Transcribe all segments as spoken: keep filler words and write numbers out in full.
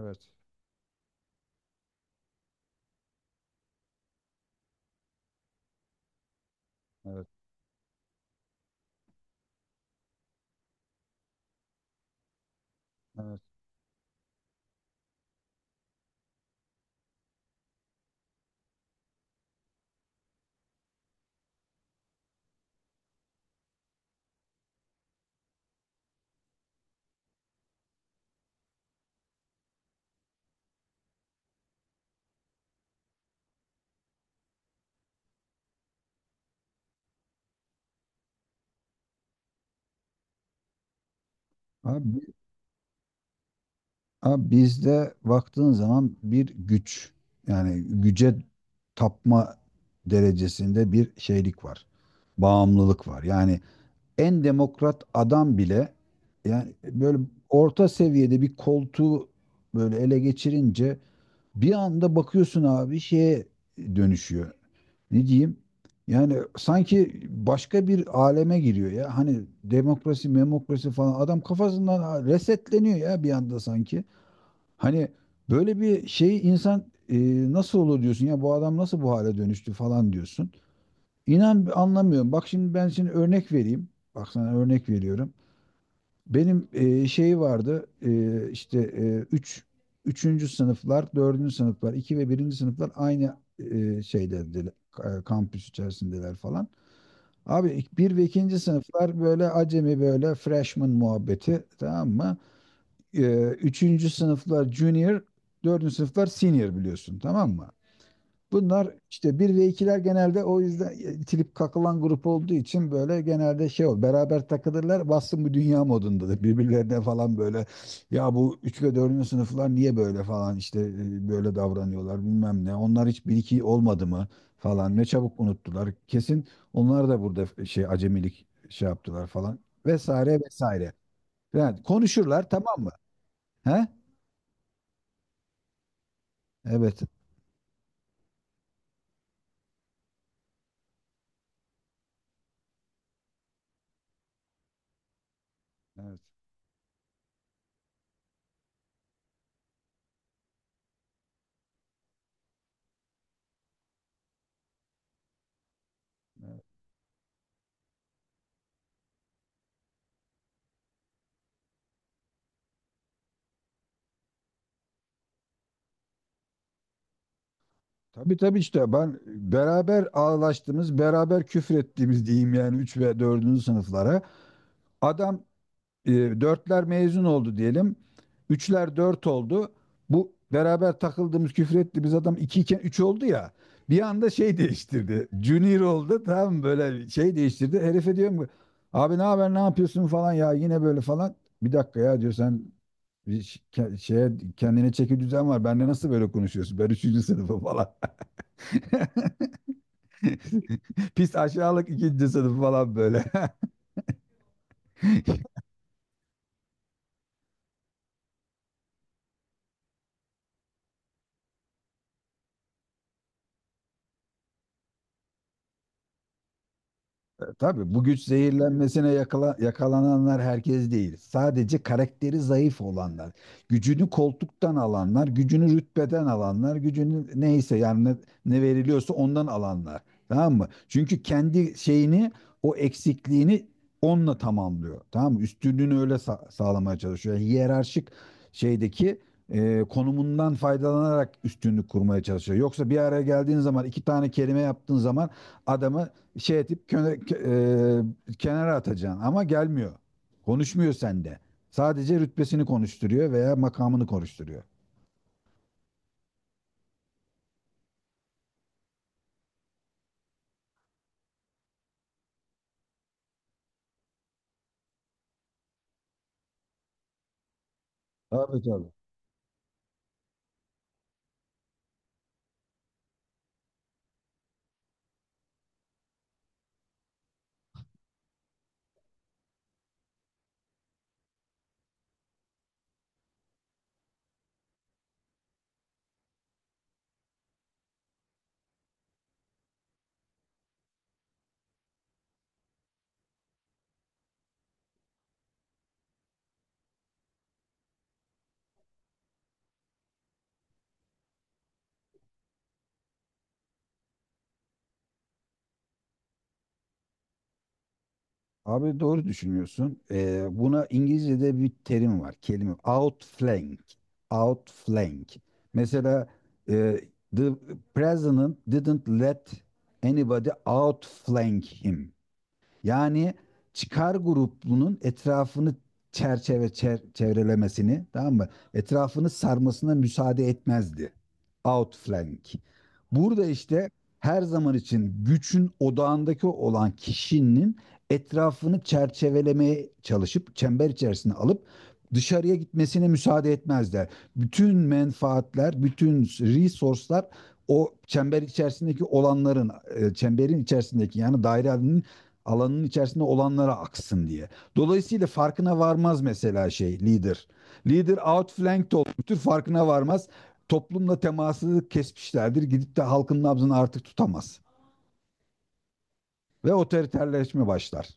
Evet, evet, evet. Abi, abi bizde baktığın zaman bir güç yani güce tapma derecesinde bir şeylik var. Bağımlılık var. Yani en demokrat adam bile yani böyle orta seviyede bir koltuğu böyle ele geçirince bir anda bakıyorsun abi şeye dönüşüyor. Ne diyeyim? Yani sanki başka bir aleme giriyor ya. Hani demokrasi, memokrasi falan adam kafasından resetleniyor ya bir anda sanki. Hani böyle bir şey insan e, nasıl olur diyorsun ya bu adam nasıl bu hale dönüştü falan diyorsun. İnan anlamıyorum. Bak şimdi ben şimdi örnek vereyim. Bak sana örnek veriyorum. Benim e, şey vardı e, işte e, üç, üçüncü sınıflar, dördüncü sınıflar, iki ve birinci sınıflar aynı e, şeydedir, e, kampüs içerisindeler falan. Abi ilk- bir ve ikinci sınıflar böyle acemi böyle freshman muhabbeti, tamam mı? E, üçüncü sınıflar junior, dördüncü sınıflar senior biliyorsun, tamam mı? Bunlar işte bir ve ikiler genelde o yüzden itilip kakılan grup olduğu için böyle genelde şey ol beraber takılırlar bassın bu dünya modunda da birbirlerine falan böyle. Ya bu üç ve dördüncü sınıflar niye böyle falan işte e, böyle davranıyorlar bilmem ne, onlar hiç bir iki olmadı mı falan, ne çabuk unuttular, kesin onlar da burada e, şey acemilik şey yaptılar falan vesaire vesaire yani konuşurlar, tamam mı? He? Evet. Evet. Evet. Tabii tabii, işte ben beraber ağlaştığımız, beraber küfür ettiğimiz diyeyim yani üç ve dördüncü sınıflara. Adam e, dörtler mezun oldu diyelim. Üçler dört oldu. Bu beraber takıldığımız, küfür ettiğimiz adam iki iken üç oldu ya. Bir anda şey değiştirdi. Junior oldu, tam böyle şey değiştirdi. Herife diyorum ki, abi ne haber, ne yapıyorsun falan ya yine böyle falan. Bir dakika ya, diyor, sen bir ş- ke- şeye, kendine çeki düzen var. Benle nasıl böyle konuşuyorsun? Ben üçüncü sınıfım falan. Pis aşağılık ikinci sınıf falan böyle. E, Tabii, bu güç zehirlenmesine yakala- yakalananlar herkes değil. Sadece karakteri zayıf olanlar, gücünü koltuktan alanlar, gücünü rütbeden alanlar, gücünü neyse yani ne, ne veriliyorsa ondan alanlar. Tamam mı? Çünkü kendi şeyini, o eksikliğini onunla tamamlıyor. Tamam mı? Üstünlüğünü öyle sa- sağlamaya çalışıyor. Yani hiyerarşik şeydeki e, konumundan faydalanarak üstünlük kurmaya çalışıyor. Yoksa bir araya geldiğin zaman iki tane kelime yaptığın zaman adamı şey edip köne- kö- e, kenara atacaksın ama gelmiyor. Konuşmuyor sende. Sadece rütbesini konuşturuyor veya makamını konuşturuyor. Tabii tabii. Abi doğru düşünüyorsun. E, buna İngilizce'de bir terim var. Kelime outflank. Outflank. Mesela e, the president didn't let anybody outflank him. Yani çıkar grubunun etrafını çerçeve çer- çevrelemesini, tamam mı? Etrafını sarmasına müsaade etmezdi. Outflank. Burada işte her zaman için gücün odağındaki olan kişinin etrafını çerçevelemeye çalışıp çember içerisine alıp dışarıya gitmesine müsaade etmezler. Bütün menfaatler, bütün resource'lar o çember içerisindeki olanların, e, çemberin içerisindeki yani dairenin alanın içerisinde olanlara aksın diye. Dolayısıyla farkına varmaz mesela şey lider. Lider outflanked olmuştur, farkına varmaz. Toplumla teması kesmişlerdir. Gidip de halkın nabzını artık tutamaz. Ve otoriterleşme başlar.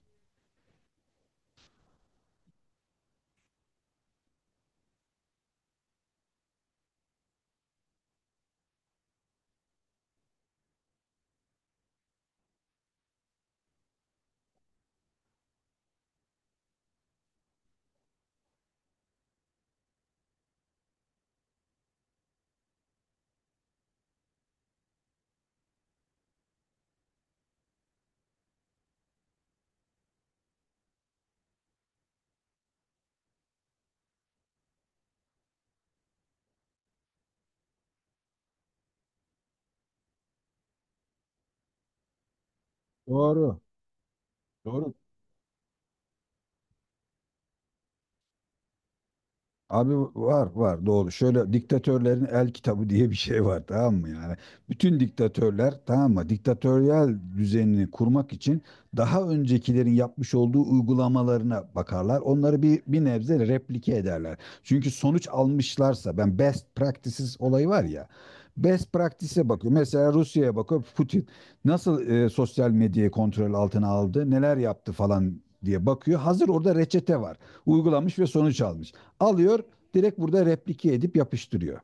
Doğru. Doğru. Abi var var doğru. Şöyle diktatörlerin el kitabı diye bir şey var, tamam mı yani? Bütün diktatörler, tamam mı? Diktatöryal düzenini kurmak için daha öncekilerin yapmış olduğu uygulamalarına bakarlar. Onları bir bir nebze replike ederler. Çünkü sonuç almışlarsa ben best practices olayı var ya. Best practice'e bakıyor. Mesela Rusya'ya bakıyor. Putin nasıl e, sosyal medyayı kontrol altına aldı, neler yaptı falan diye bakıyor. Hazır orada reçete var. Uygulamış ve sonuç almış alıyor, direkt burada replike edip yapıştırıyor.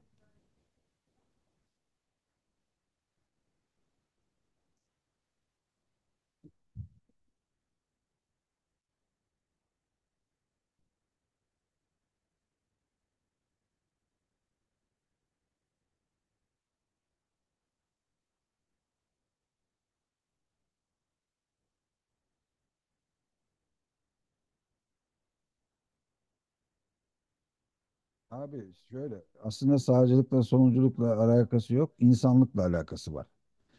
Abi şöyle, aslında sağcılıkla solunculukla alakası yok. İnsanlıkla alakası var.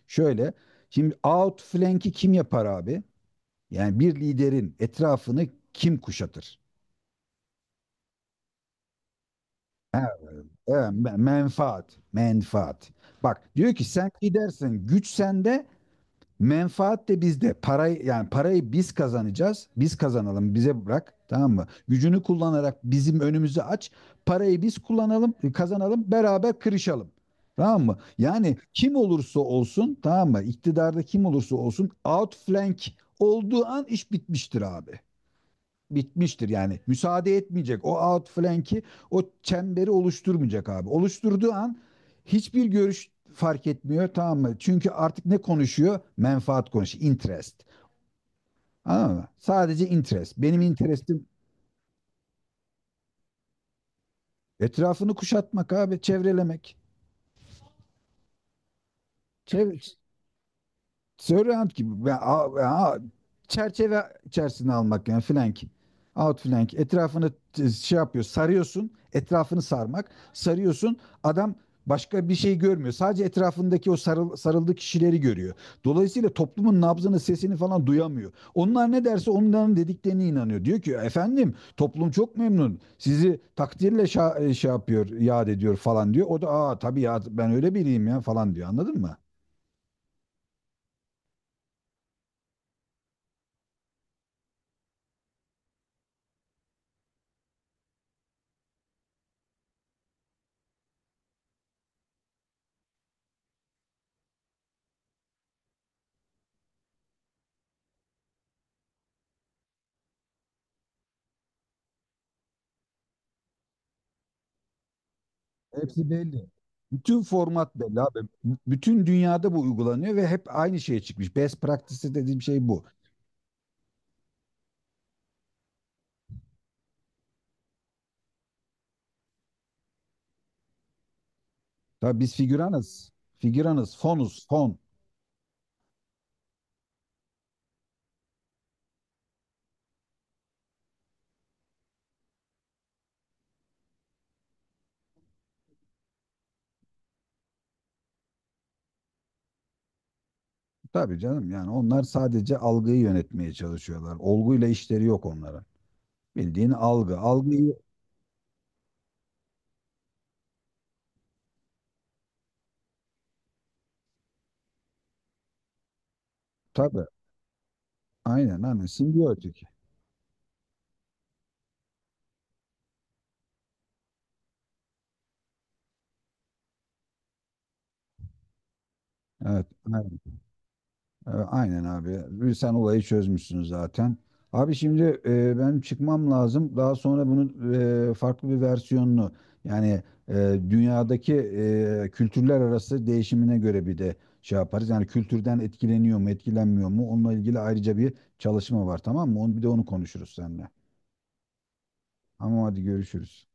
Şöyle, şimdi outflank'i kim yapar abi? Yani bir liderin etrafını kim kuşatır? Ha, evet, menfaat, menfaat. Bak diyor ki, sen lidersin, güç sende, menfaat de bizde. Parayı, yani parayı biz kazanacağız. Biz kazanalım. Bize bırak. Tamam mı? Gücünü kullanarak bizim önümüzü aç. Parayı biz kullanalım, kazanalım, beraber kırışalım. Tamam mı? Yani kim olursa olsun, tamam mı? İktidarda kim olursa olsun, outflank olduğu an iş bitmiştir abi, bitmiştir yani. Müsaade etmeyecek. O outflank'i, o çemberi oluşturmayacak abi. Oluşturduğu an hiçbir görüş fark etmiyor, tamam mı? Çünkü artık ne konuşuyor? Menfaat konuşuyor. Interest. Anladın mı? Sadece interest. Benim interestim etrafını kuşatmak abi, çevrelemek. Çev- Sörrant gibi. Ben, a- a- çerçeve içerisine almak yani, flank. Outflank. Etrafını t- şey yapıyor. Sarıyorsun. Etrafını sarmak. Sarıyorsun. Adam başka bir şey görmüyor. Sadece etrafındaki o sarıl, sarıldığı kişileri görüyor. Dolayısıyla toplumun nabzını, sesini falan duyamıyor. Onlar ne derse onların dediklerine inanıyor. Diyor ki, efendim toplum çok memnun. Sizi takdirle şa- e, şey yapıyor, yad ediyor falan diyor. O da, aa tabii ya, ben öyle biriyim ya falan diyor. Anladın mı? Hepsi belli. Bütün format belli abi. Bütün dünyada bu uygulanıyor ve hep aynı şeye çıkmış. Best practice dediğim şey bu. Tabii, biz figüranız. Figüranız, fonuz, fon. Tabii canım, yani onlar sadece algıyı yönetmeye çalışıyorlar. Olguyla işleri yok onlara. Bildiğin algı. Algıyı tabii. Aynen aynen, simbiyotik. Evet. Evet. E, Aynen abi. Sen olayı çözmüşsün zaten. Abi şimdi e, benim çıkmam lazım. Daha sonra bunun e, farklı bir versiyonunu, yani e, dünyadaki e, kültürler arası değişimine göre bir de şey yaparız. Yani kültürden etkileniyor mu, etkilenmiyor mu? Onunla ilgili ayrıca bir çalışma var, tamam mı? Onu, bir de onu konuşuruz seninle. Ama hadi görüşürüz.